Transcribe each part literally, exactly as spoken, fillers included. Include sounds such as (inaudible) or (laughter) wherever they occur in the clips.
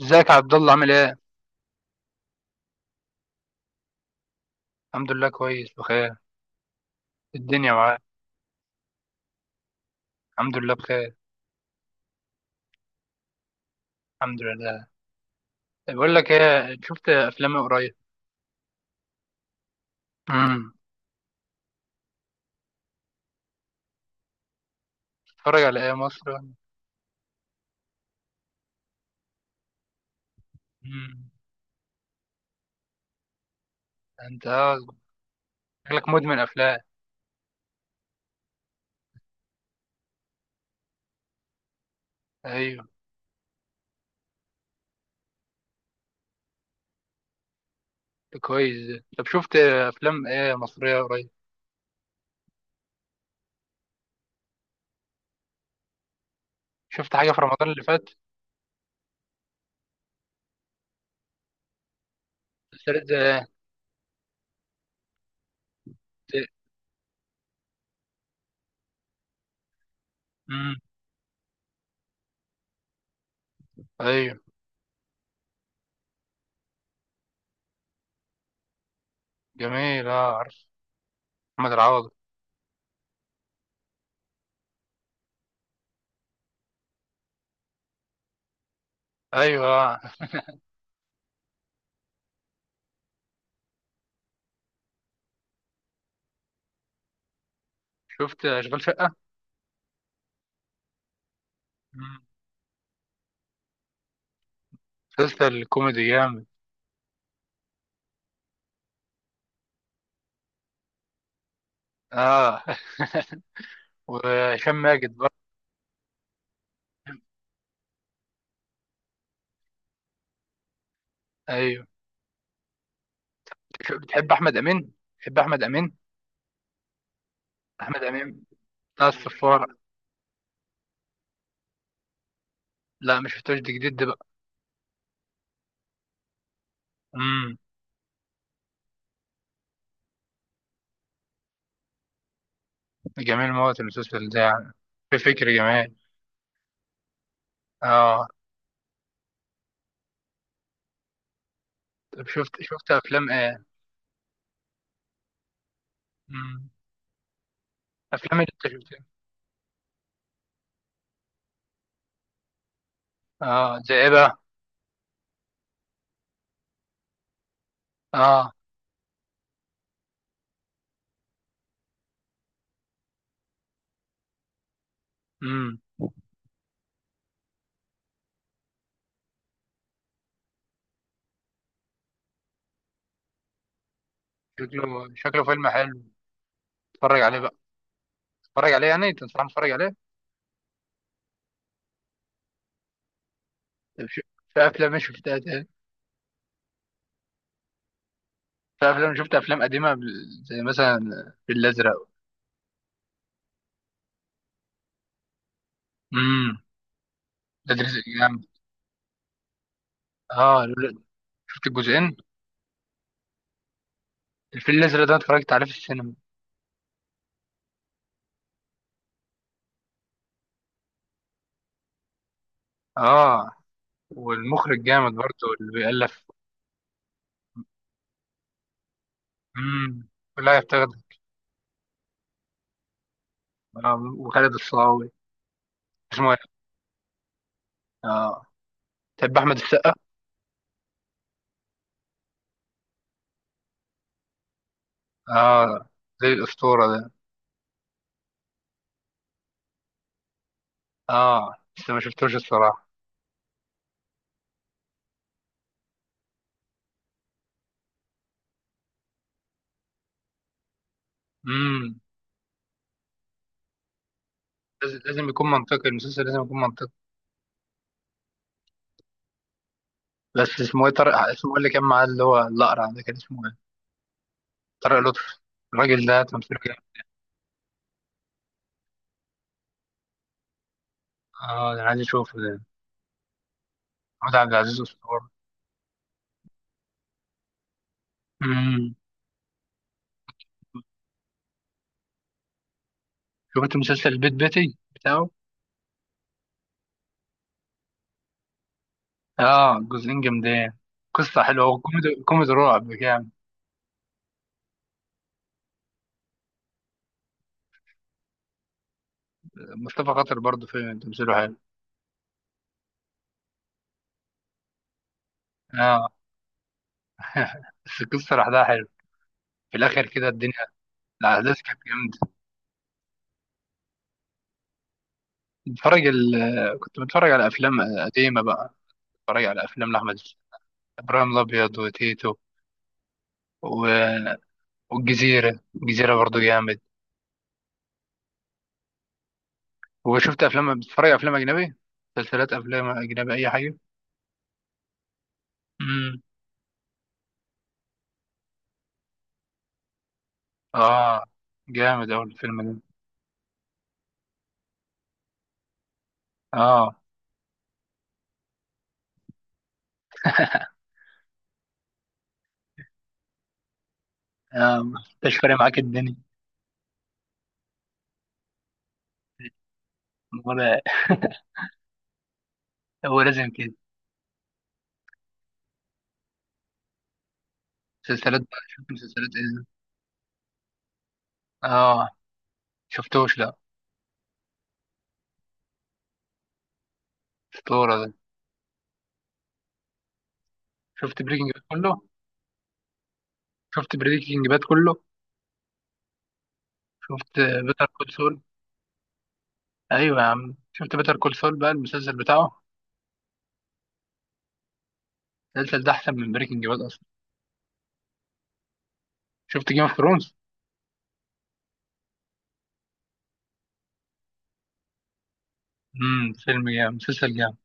ازيك يا عبد الله عامل ايه؟ الحمد لله، كويس بخير. الدنيا معاك. الحمد لله بخير. الحمد لله. بقول لك ايه، شفت افلام إيه قريب؟ امم. بتتفرج على ايه، مصر؟ امم. انت آه، شكلك مدمن افلام. ايوه. كويس ده. طب شفت افلام ايه مصريه قريب؟ شفت حاجه في رمضان اللي فات؟ مسلسلات زي ايه؟ زي- امم. ايوه. جميل، اه، عارف. محمد العوضي. ايوه. آه. شفت اشغال شقه؟ امم. مسلسل كوميدي جامد. اه. (laughs) وهشام ماجد برضه. ايوه. بتح- بتحب احمد امين؟ بتحب احمد امين. احمد امين. بتاع الصفاره. لا، مش شفتوش، دي جديد ده بقى. امم. جميل موت المسلسل ده يعني. في فكر جميل. اه. طب شفت شفت افلام ايه؟ امم. افلام اللي انت شفتها؟ اه، زي ايه بقى؟ اه. امم. شكله شكله فيلم حلو. اتفرج عليه بقى. اتفرج عليه يعني، تنصحني اتفرج عليه؟ طب شو... في افلام مش شفتها تاني؟ في افلام، شفت افلام قديمه بال- زي مثلا الفيل الازرق. امم. ده دريس الجامعة. اه. شفت الجزئين؟ الفيل الأزرق ده اتفرجت عليه في السينما. اه. والمخرج جامد برضه. اللي بيألف. امم. لا يفتقد. آه. وخالد الصاوي. اسمه ايه؟ اه. تحب أحمد السقا؟ اه. زي الأسطورة ده. اه، بس ما شفتوش الصراحة. امم. لازم لازم يكون منطقي، المسلسل لازم يكون منطقي. بس اسمه ايه طارق، اسمه إيه اللي كان معاه، اللي هو الأقرع ده كان اسمه ايه؟ طارق لطفي. الراجل ده تمثيله جامد. اه، ده انا عايز اشوفه ده. محمود عبد العزيز أسطورة. امم. شفت مسلسل البيت بيتي؟ بتاعه؟ اه، جزئين جامدين. قصة حلوة، وكوميدي، كوميدي رعب جامد. مصطفى خاطر برضه في تمثيله حلو. اه. (laughs) بس القصة لوحدها حلو في الآخر كده الدنيا. الأحداث كانت جامدة. بتفرج ال... كنت بتفرج على أفلام قديمة بقى. بتفرج على أفلام لأحمد السقا. إبراهيم الأبيض وتيتو. و... والجزيرة الجزيرة برضه جامد. وشفت أفلام، بتتفرج على أفلام أجنبي؟ مسلسلات أفلام أجنبي، أي حاجة. امم. اه، جامد أوي الفيلم ده. اه. (laughs) آه، مش فارق معاك الدنيا. ولا. (laughs) هو لازم كده. مسلسلات بقى، شفت مسلسلات ايه؟ اه، شفتوش لا. اسطورة ده. شفت بريكنج باد كله؟ شفت بريكنج باد كله؟ شفت بيتر كول سول. ايوه يا عم، شفت بيتر كول سول بقى المسلسل بتاعه. المسلسل ده احسن من بريكنج باد اصلا. شفت جيم اوف ثرونز؟ امم، فيلم جامد مسلسل جامد.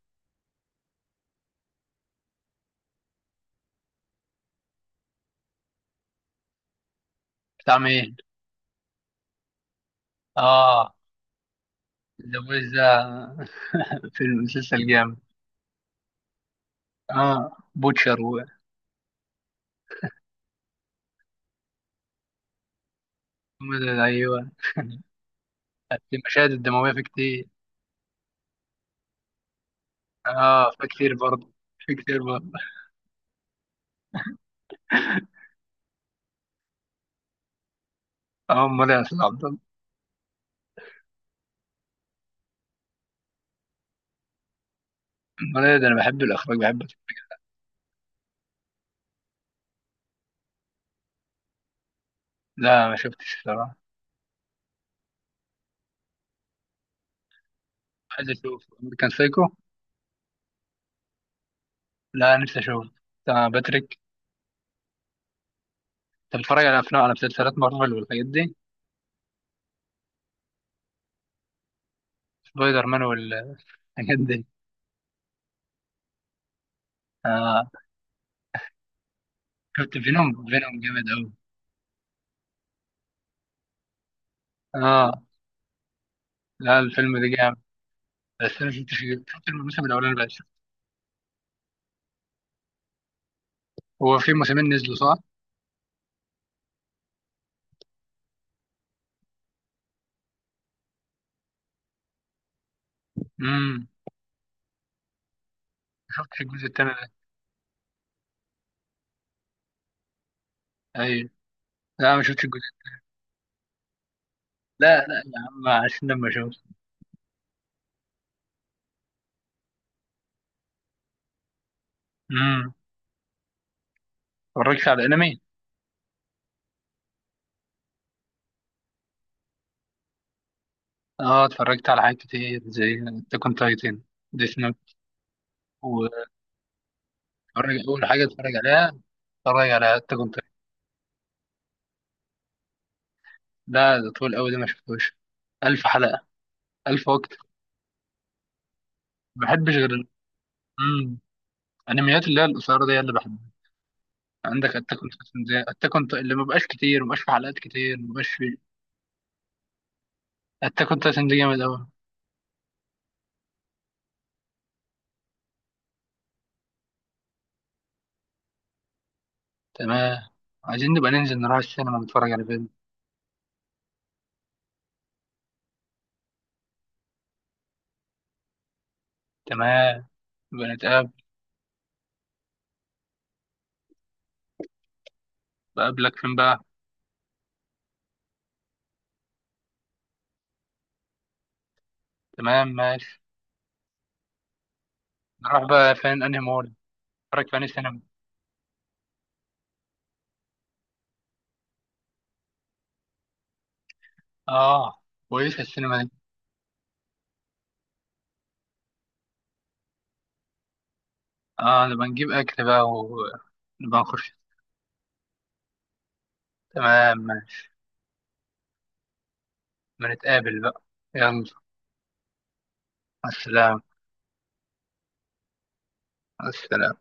بتاع مين؟ اه، ذا ويز ده. (laughs) فيلم مسلسل جامد. اه، بوتشر. و... ايوه. المشاهد الدمويه في كتير. اه، في كتير برضه. في كتير برضه. اه، امال يا استاذ عبد الله. امال ايه، ده انا بحب الاخراج، بحب أشوف. لا، ما شفتش الصراحه. عايز اشوف امريكان سايكو. لا، نفسي اشوف. بتاع باتريك. انت بتتفرج على افلام، على مسلسلات مارفل والحاجات دي؟ سبايدر مان والحاجات دي. آه، شفت فينوم. فينوم جامد قوي. اه. لا، الفيلم ده جامد. بس انا شفتش. شفت الموسم الاولاني بس. هو في موسمين نزلوا صح؟ امم. ما شفتش الجزء الثاني ده. ايوه. لا، ما شفتش الجزء. لا، لا يا عم عشان لما اشوف. امم. ما اتفرجتش على انمي. اه، اتفرجت على حاجات كتير زي أتاك أون تايتن. ديث نوت. واتفرج. أول حاجة اتفرج عليها، اتفرج على أتاك أون تايتن. ده ده طول أوي، ده ما شفتوش. ألف حلقة. ألف وقت. ما بحبش غير ال- مم. الأنميات اللي هي القصيرة دي هي اللي بحبها. عندك أتاك أون تايتن، زي أتاك أون، اللي ما بقاش كتير، ما بقاش في حلقات كتير، ما بقاش في. أتاك أون تايتن دي جامد أوي. تمام. عايزين نبقى ننزل نروح السينما نتفرج على فيلم. تمام. نبقى نتقابل. بقابلك فين بقى؟ تمام ماشي. نروح بقى فين، أنهي مول؟ نتفرج في أنهي سينما؟ اه، كويسة السينما دي. اه. نبقى نجيب اكل بقى ونبقى نخش. تمام ماشي. ما نتقابل بقى. يلا. السلام. السلام.